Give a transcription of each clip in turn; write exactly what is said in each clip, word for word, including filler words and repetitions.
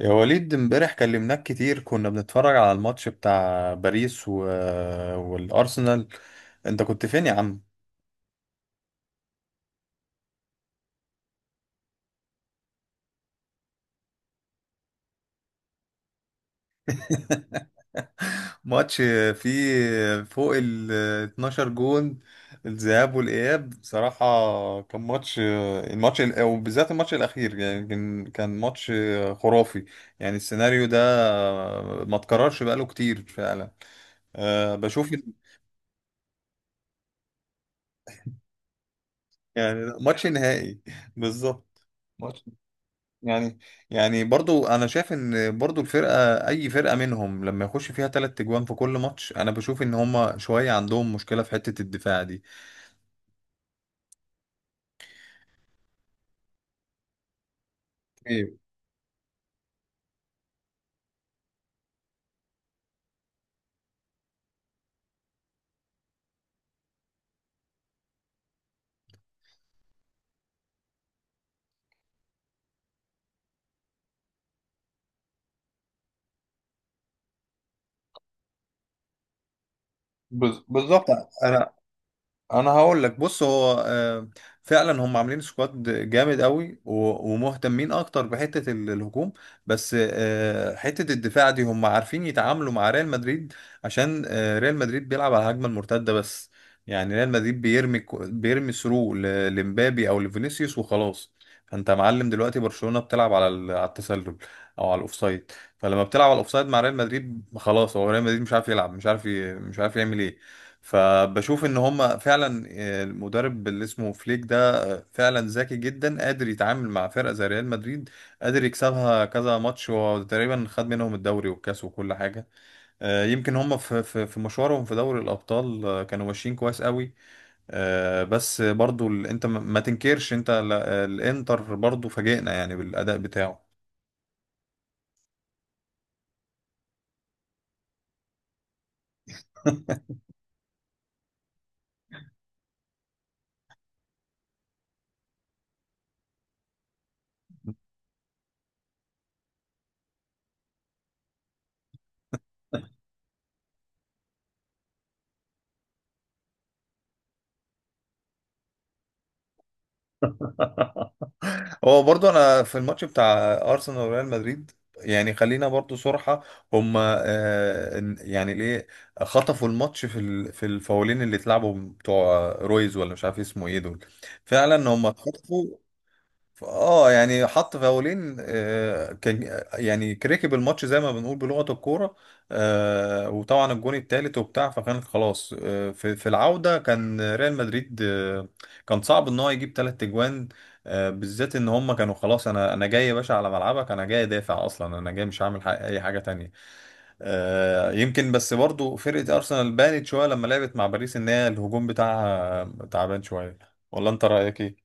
يا وليد امبارح كلمناك كتير، كنا بنتفرج على الماتش بتاع باريس و... والأرسنال انت كنت فين يا عم؟ ماتش فيه فوق ال اتناشر جون. الذهاب والإياب بصراحة كان ماتش. الماتش ال- وبالذات الماتش الأخير يعني كان كان ماتش خرافي. يعني السيناريو ده ما اتكررش بقاله كتير فعلا. أه بشوف. يعني ماتش نهائي بالظبط. يعني، يعني برضو انا شايف ان برضو الفرقه، اي فرقه منهم لما يخش فيها تلات تجوان في كل ماتش، انا بشوف ان هما شويه عندهم مشكله في حته الدفاع دي. ايه؟ بز- بالظبط. انا انا هقول لك. بص، هو آه، فعلا هم عاملين سكواد جامد قوي و- ومهتمين اكتر بحته ال- الهجوم. بس آه، حته الدفاع دي هم عارفين يتعاملوا مع ريال مدريد. عشان آه، ريال مدريد بيلعب على الهجمه المرتده بس. يعني ريال مدريد بيرمي كو- بيرمي ثرو ل- لمبابي او لفينيسيوس وخلاص. فانت يا معلم دلوقتي برشلونه بتلعب على ال- على التسلل او على الاوفسايد. فلما بتلعب على الاوفسايد مع ريال مدريد خلاص، هو ريال مدريد مش عارف يلعب، مش عارف ي- مش عارف يعمل ايه. فبشوف ان هم فعلا، آه، المدرب اللي اسمه فليك ده آه، فعلا ذكي جدا، قادر يتعامل مع فرقه زي ريال مدريد. قادر يكسبها كذا ماتش، وتقريبا خد منهم الدوري والكاس وكل حاجه. آه، يمكن هم في في في مشوارهم في دوري الابطال آه، كانوا ماشيين كويس قوي. آه، بس برضو ال- انت ما ما تنكرش، انت ال- الانتر برضو فاجئنا يعني بالاداء بتاعه. هو برضو انا في الماتش بتاع ارسنال وريال مدريد، يعني خلينا برضو صراحة، هم يعني ليه خطفوا الماتش في ال- في الفاولين اللي اتلعبوا بتوع رويز، ولا مش عارف اسمه ايه دول. فعلا هم خطفوا. اه يعني حط فاولين، آه، كان يعني كركب الماتش زي ما بنقول بلغة الكورة. آه، وطبعا الجون التالت وبتاع، فكان خلاص. آه، في في العودة كان ريال مدريد، آه، كان صعب ان هو يجيب تلات اجوان. آه، بالذات ان هم كانوا خلاص، انا انا جاي يا باشا على ملعبك، انا جاي دافع اصلا، انا جاي مش هعمل ح- اي حاجة تانية. آه، يمكن بس برضو فرقة ارسنال بانت شوية لما لعبت مع باريس ان هي الهجوم بتاعها تعبان شوية. ولا انت رأيك ايه؟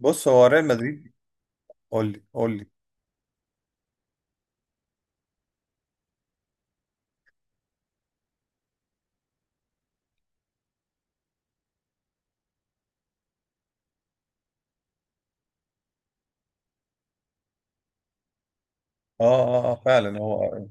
بص، هو ريال مدريد. قول لي، قول لي. اه. اه، آه، فعلا هو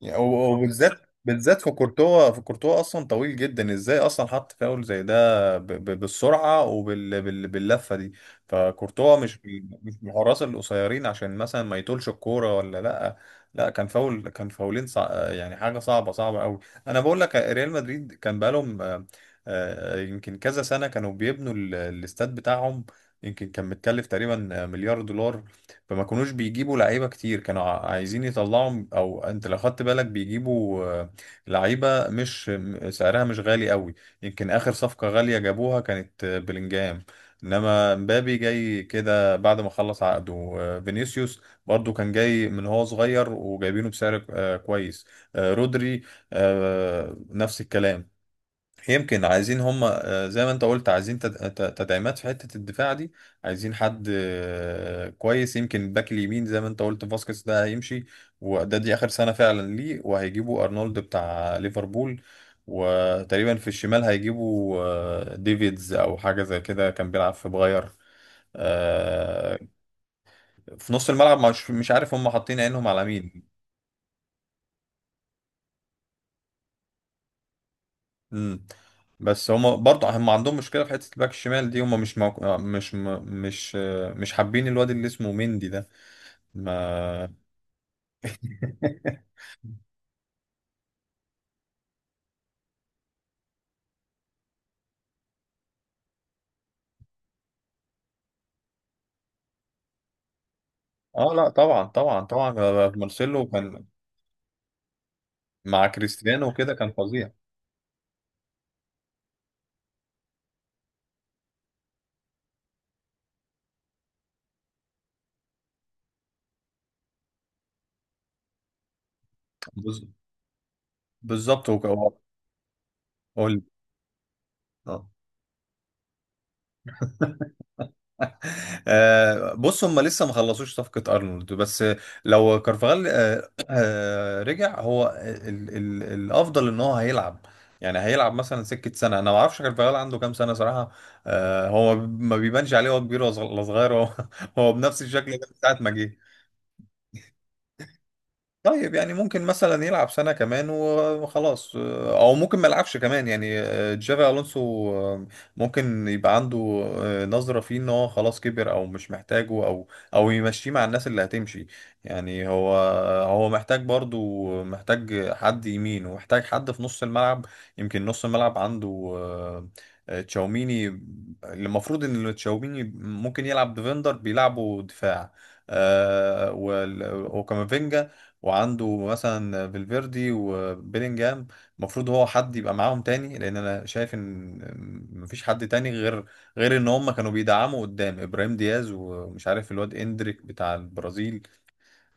يعني هو- وبالذات، بالذات في كورتوا. في كورتوا اصلا طويل جدا، ازاي اصلا حط فاول زي ده ب- ب- بالسرعه وباللفه دي. فكورتوا مش بي- مش من الحراس القصيرين عشان مثلا ما يطولش الكوره ولا لا. لا كان فاول، كان فاولين صع... يعني حاجه صعبه صعبه قوي. انا بقول لك ريال مدريد كان بقالهم آه، آه، يمكن كذا سنه كانوا بيبنوا ال- الاستاد بتاعهم. يمكن كان متكلف تقريبا مليار دولار. فما كانوش بيجيبوا لعيبه كتير، كانوا ع- عايزين يطلعوا، او انت لو خدت بالك بيجيبوا آه، لعيبه مش م- سعرها مش غالي قوي. يمكن اخر صفقه غاليه جابوها كانت آه، بلينجهام. انما مبابي جاي كده بعد ما خلص عقده. آه، فينيسيوس برضو كان جاي من هو صغير وجايبينه بسعر آه، كويس. آه، رودري آه، نفس الكلام. يمكن عايزين هم آه، زي ما انت قلت عايزين تد- ت- تدعيمات في حتة الدفاع دي. عايزين حد آه، كويس. يمكن الباك اليمين زي ما انت قلت فاسكيز ده هيمشي، وده دي اخر سنة فعلا ليه، وهيجيبوا ارنولد بتاع ليفربول. وتقريبا في الشمال هيجيبوا آه، ديفيدز او حاجة زي كده، كان بيلعب في بغير. آه، في نص الملعب مش مش عارف هم حاطين عينهم على مين. امم بس هما برضه هم عندهم مشكله في حته الباك الشمال دي. هما مش موك... آه، مش م... مش آه، مش حابين الواد اللي اسمه مندي ده. ما اه، لا طبعا طبعا طبعا، آه، آه، مارسيلو كان مع كريستيانو وكده كان فظيع. بز... بالظبط. هو هو- قول لي. اه. آه، بص، هم لسه ما خلصوش صفقة أرنولد بس. لو كارفاغال آه، آه، رجع هو ال ال الأفضل إن هو هيلعب. يعني هيلعب مثلا سكة سنة، أنا ما أعرفش كارفاغال عنده كام سنة صراحة. آه، هو ما بيبانش عليه هو كبير ولا صغ- ولا صغير هو، هو بنفس الشكل ده من ساعة ما جه. طيب يعني ممكن مثلا يلعب سنة كمان وخلاص، او ممكن ما يلعبش كمان يعني. جافي الونسو آه، ممكن يبقى عنده آه، نظرة فيه ان هو خلاص كبر او مش محتاجه، او او يمشيه مع الناس اللي هتمشي. يعني هو، هو محتاج برضو، محتاج حد يمين ومحتاج حد في نص الملعب. يمكن نص الملعب عنده آه، آه، تشاوميني اللي المفروض ان تشاوميني ممكن يلعب ديفندر، بيلعبوا دفاع. آه، وال- وكامافينجا. وعنده مثلا فالفيردي وبيلينجهام. المفروض هو حد يبقى معاهم تاني، لان انا شايف ان مفيش حد تاني غير، غير ان هم كانوا بيدعموا قدام ابراهيم دياز ومش عارف الواد اندريك بتاع البرازيل.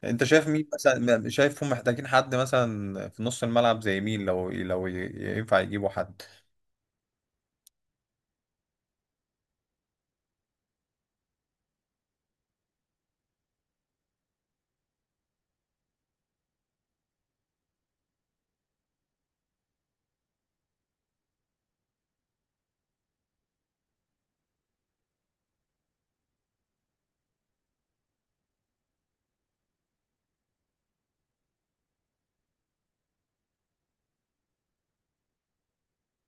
انت شايف مين مثلا، شايفهم محتاجين حد مثلا في نص الملعب زي مين لو لو ينفع يجيبوا حد؟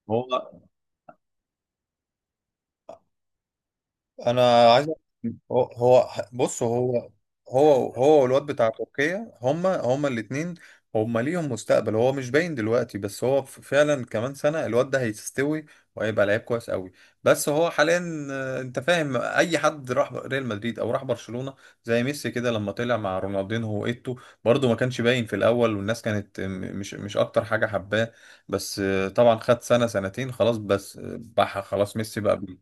هو انا عايز أقول. هو هو بص هو، هو هو والواد بتاع تركيا، هما هما الاثنين، هما ليهم مستقبل. هو مش باين دلوقتي، بس هو ف- فعلا كمان سنة الواد ده هيستوي وهيبقى لعيب كويس قوي. بس هو حاليا، آه، انت فاهم اي حد راح ريال مدريد او راح برشلونة زي ميسي كده لما طلع مع رونالدينو وايتو، برضه ما كانش باين في الاول والناس كانت آه، م- مش مش اكتر حاجة حباه. بس آه، طبعا خد سنة سنتين خلاص، بس آه، بقى خلاص ميسي بقى بي-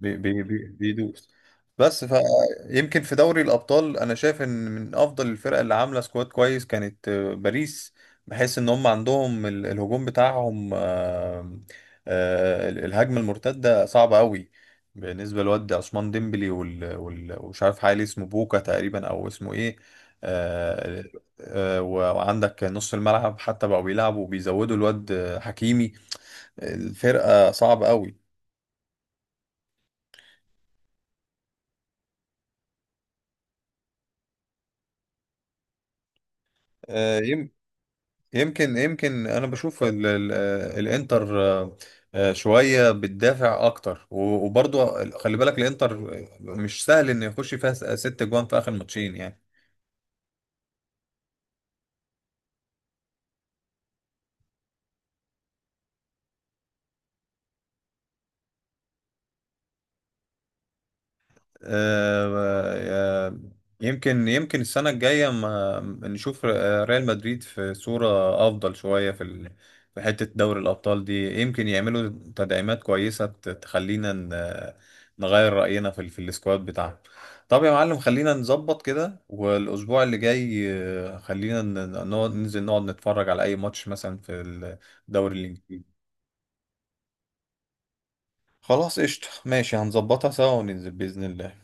بي بي بي بيدوس. بس فيمكن في دوري الأبطال أنا شايف إن من أفضل الفرق اللي عاملة سكواد كويس كانت آه، باريس. بحيث إن هم عندهم ال- الهجوم بتاعهم آه، آه، ال- الهجمة المرتدة صعبة قوي بالنسبة لواد عثمان ديمبلي وال وال- ومش عارف حالي اسمه بوكا تقريبا أو اسمه إيه. آه، آه، وعندك نص الملعب حتى بقوا بيلعبوا وبيزودوا الواد آه، حكيمي. الفرقة صعبة قوي. يمكن يمكن انا بشوف ال ال الانتر آه، آه، شويه بتدافع اكتر و- وبرضه خلي بالك الانتر مش سهل انه يخش فيها س- ست جوان في اخر ماتشين يعني. آه، آه، يمكن يمكن السنة الجاية ما نشوف ريال مدريد في صورة أفضل شوية في ال- في حتة دوري الأبطال دي. يمكن يعملوا تدعيمات كويسة ت- تخلينا ن- نغير رأينا في ال- في السكواد بتاعهم. طب يا معلم، خلينا نظبط كده والأسبوع اللي جاي آه، خلينا ن- نقعد ننزل نقعد نتفرج على أي ماتش مثلا في الدوري الإنجليزي. خلاص قشطة، ماشي، هنظبطها سوا وننزل بإذن الله.